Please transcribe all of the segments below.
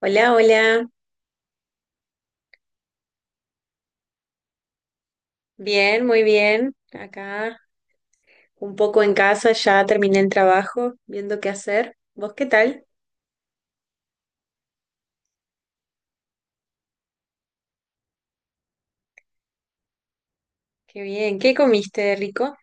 Hola, hola. Bien, muy bien. Acá un poco en casa, ya terminé el trabajo, viendo qué hacer. ¿Vos qué tal? Qué bien. ¿Qué comiste, rico?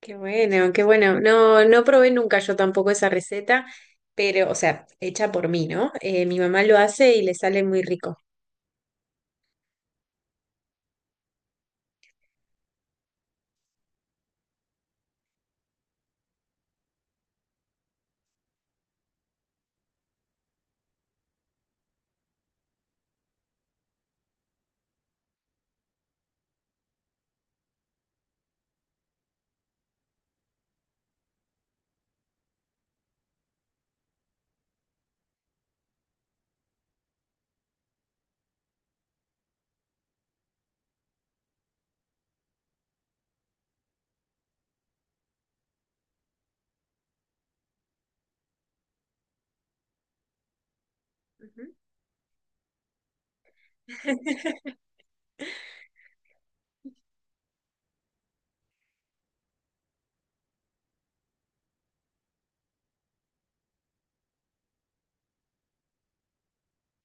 Qué bueno, qué bueno. No, no probé nunca yo tampoco esa receta, pero, o sea, hecha por mí, ¿no? Mi mamá lo hace y le sale muy rico. Ujú.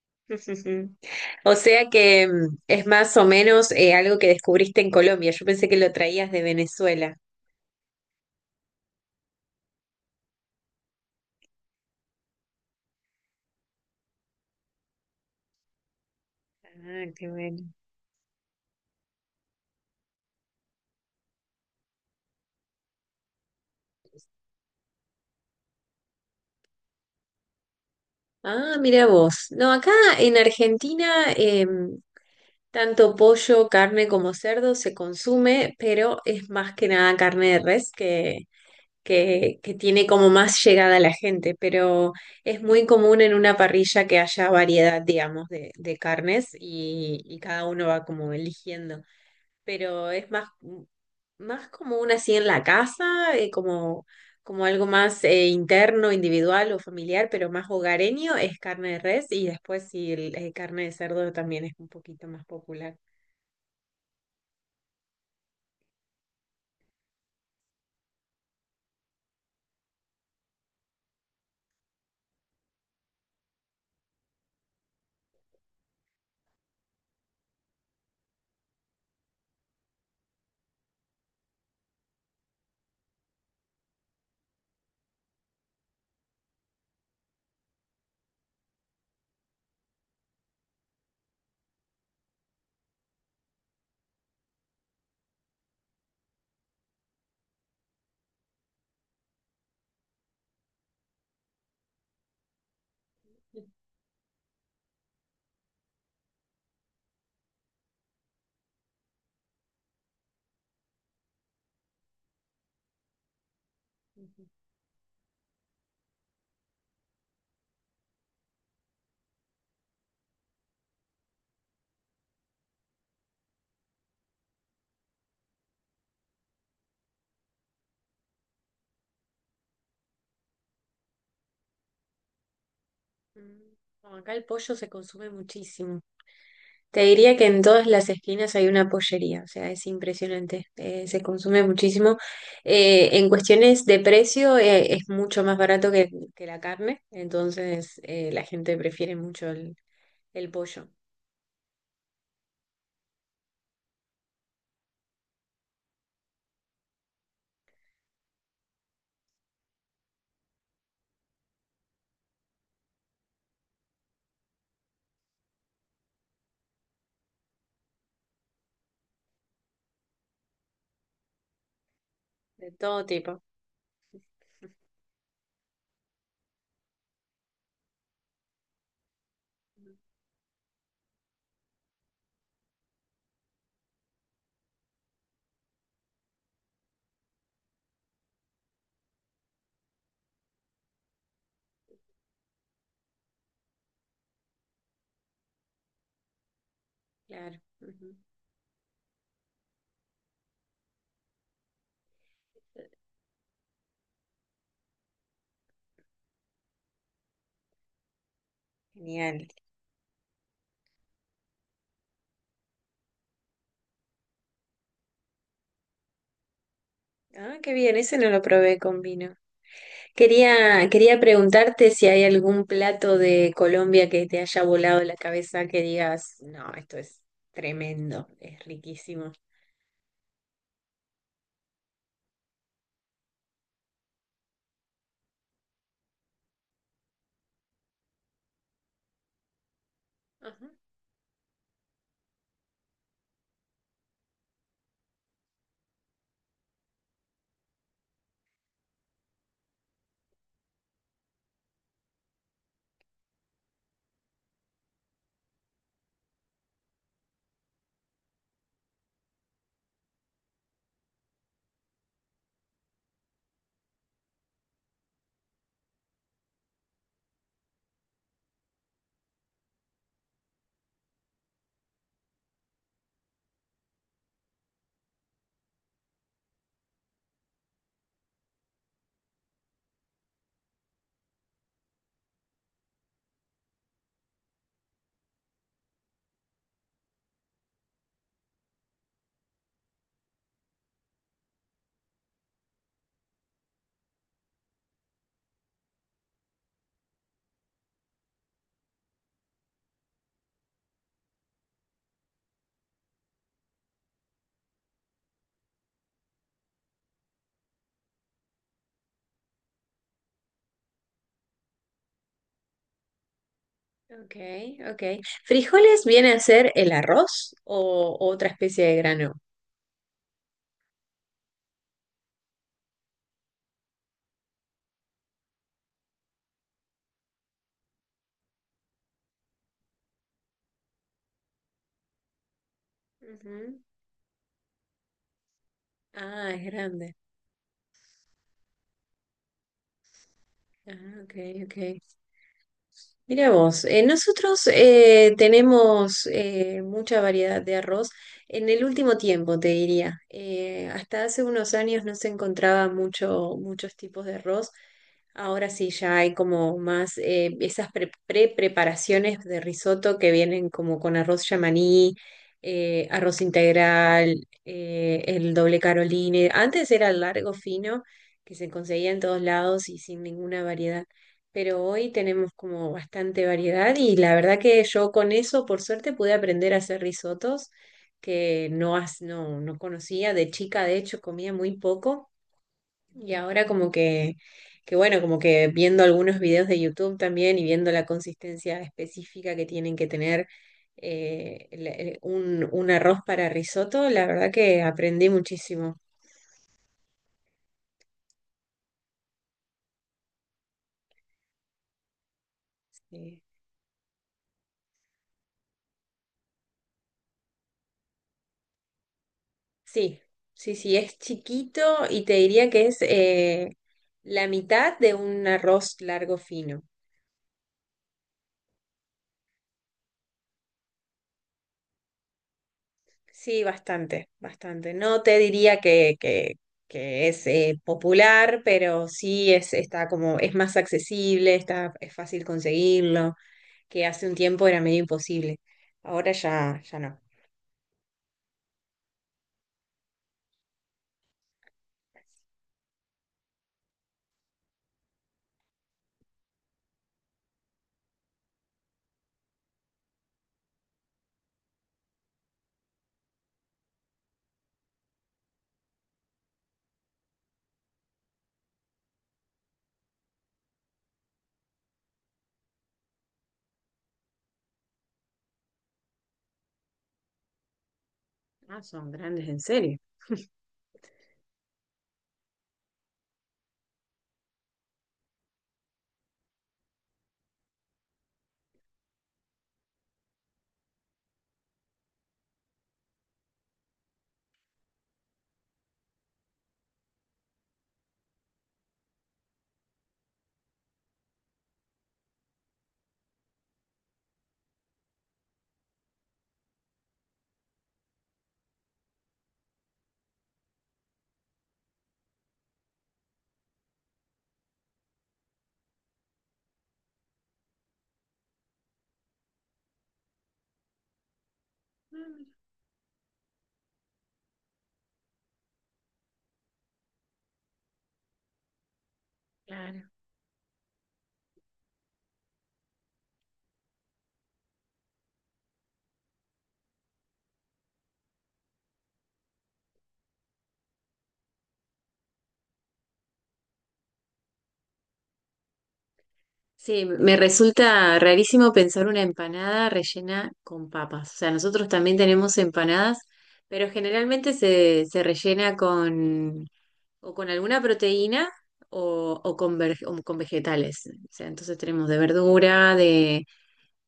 Ujú. O sea que es más o menos algo que descubriste en Colombia. Yo pensé que lo traías de Venezuela. Ah, qué bueno. Ah, mira vos. No, acá en Argentina tanto pollo, carne como cerdo se consume, pero es más que nada carne de res que tiene como más llegada a la gente. Pero es muy común en una parrilla que haya variedad, digamos, de carnes y cada uno va como eligiendo. Pero es más. Más como una así en la casa, como algo más interno, individual o familiar, pero más hogareño es carne de res y después sí, carne de cerdo también es un poquito más popular. Ujú. Mm, no, acá el pollo se consume muchísimo. Te diría que en todas las esquinas hay una pollería, o sea, es impresionante, se consume muchísimo. En cuestiones de precio, es mucho más barato que la carne, entonces la gente prefiere mucho el pollo. De todo tipo. Claro. Ujú. Genial. Ah, qué bien, ese no lo probé con vino. Quería preguntarte si hay algún plato de Colombia que te haya volado la cabeza que digas, no, esto es tremendo, es riquísimo. Ajá. Ok, ok. ¿Frijoles viene a ser el arroz o otra especie de grano? Ujú. Ah, es grande. Ah, ok, ok. Mira vos, nosotros tenemos mucha variedad de arroz en el último tiempo, te diría. Hasta hace unos años no se encontraba mucho, muchos tipos de arroz. Ahora sí ya hay como más esas pre- pre-preparaciones de risotto que vienen como con arroz yamaní, arroz integral, el doble caroline. Antes era el largo fino que se conseguía en todos lados y sin ninguna variedad, pero hoy tenemos como bastante variedad y la verdad que yo con eso, por suerte, pude aprender a hacer risotos que no, no, no conocía. De chica, de hecho, comía muy poco y ahora como que, bueno, como que viendo algunos videos de YouTube también y viendo la consistencia específica que tienen que tener. Un arroz para risotto, la verdad que aprendí muchísimo. Sí. Sí, sí, sí, es chiquito y te diría que es la mitad de un arroz largo fino. Sí, bastante, bastante. No te diría que es popular, pero sí es, está como, es más accesible, está, es fácil conseguirlo, que hace un tiempo era medio imposible. Ahora ya, ya no. Ah, son grandes, en serio. Mm. Claro. Sí, me resulta rarísimo pensar una empanada rellena con papas. O sea, nosotros también tenemos empanadas, pero generalmente se, se rellena con o con alguna proteína o con, o con vegetales. O sea, entonces tenemos de verdura,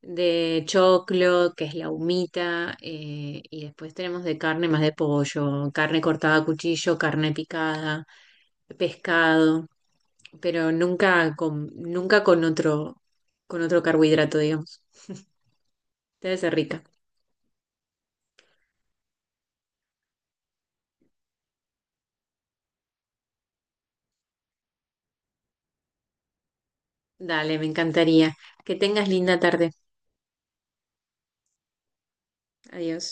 de choclo, que es la humita, y después tenemos de carne más de pollo, carne cortada a cuchillo, carne picada, pescado, pero nunca con, nunca con otro, con otro carbohidrato, digamos. Debe ser rica. Dale, me encantaría. Que tengas linda tarde. Adiós.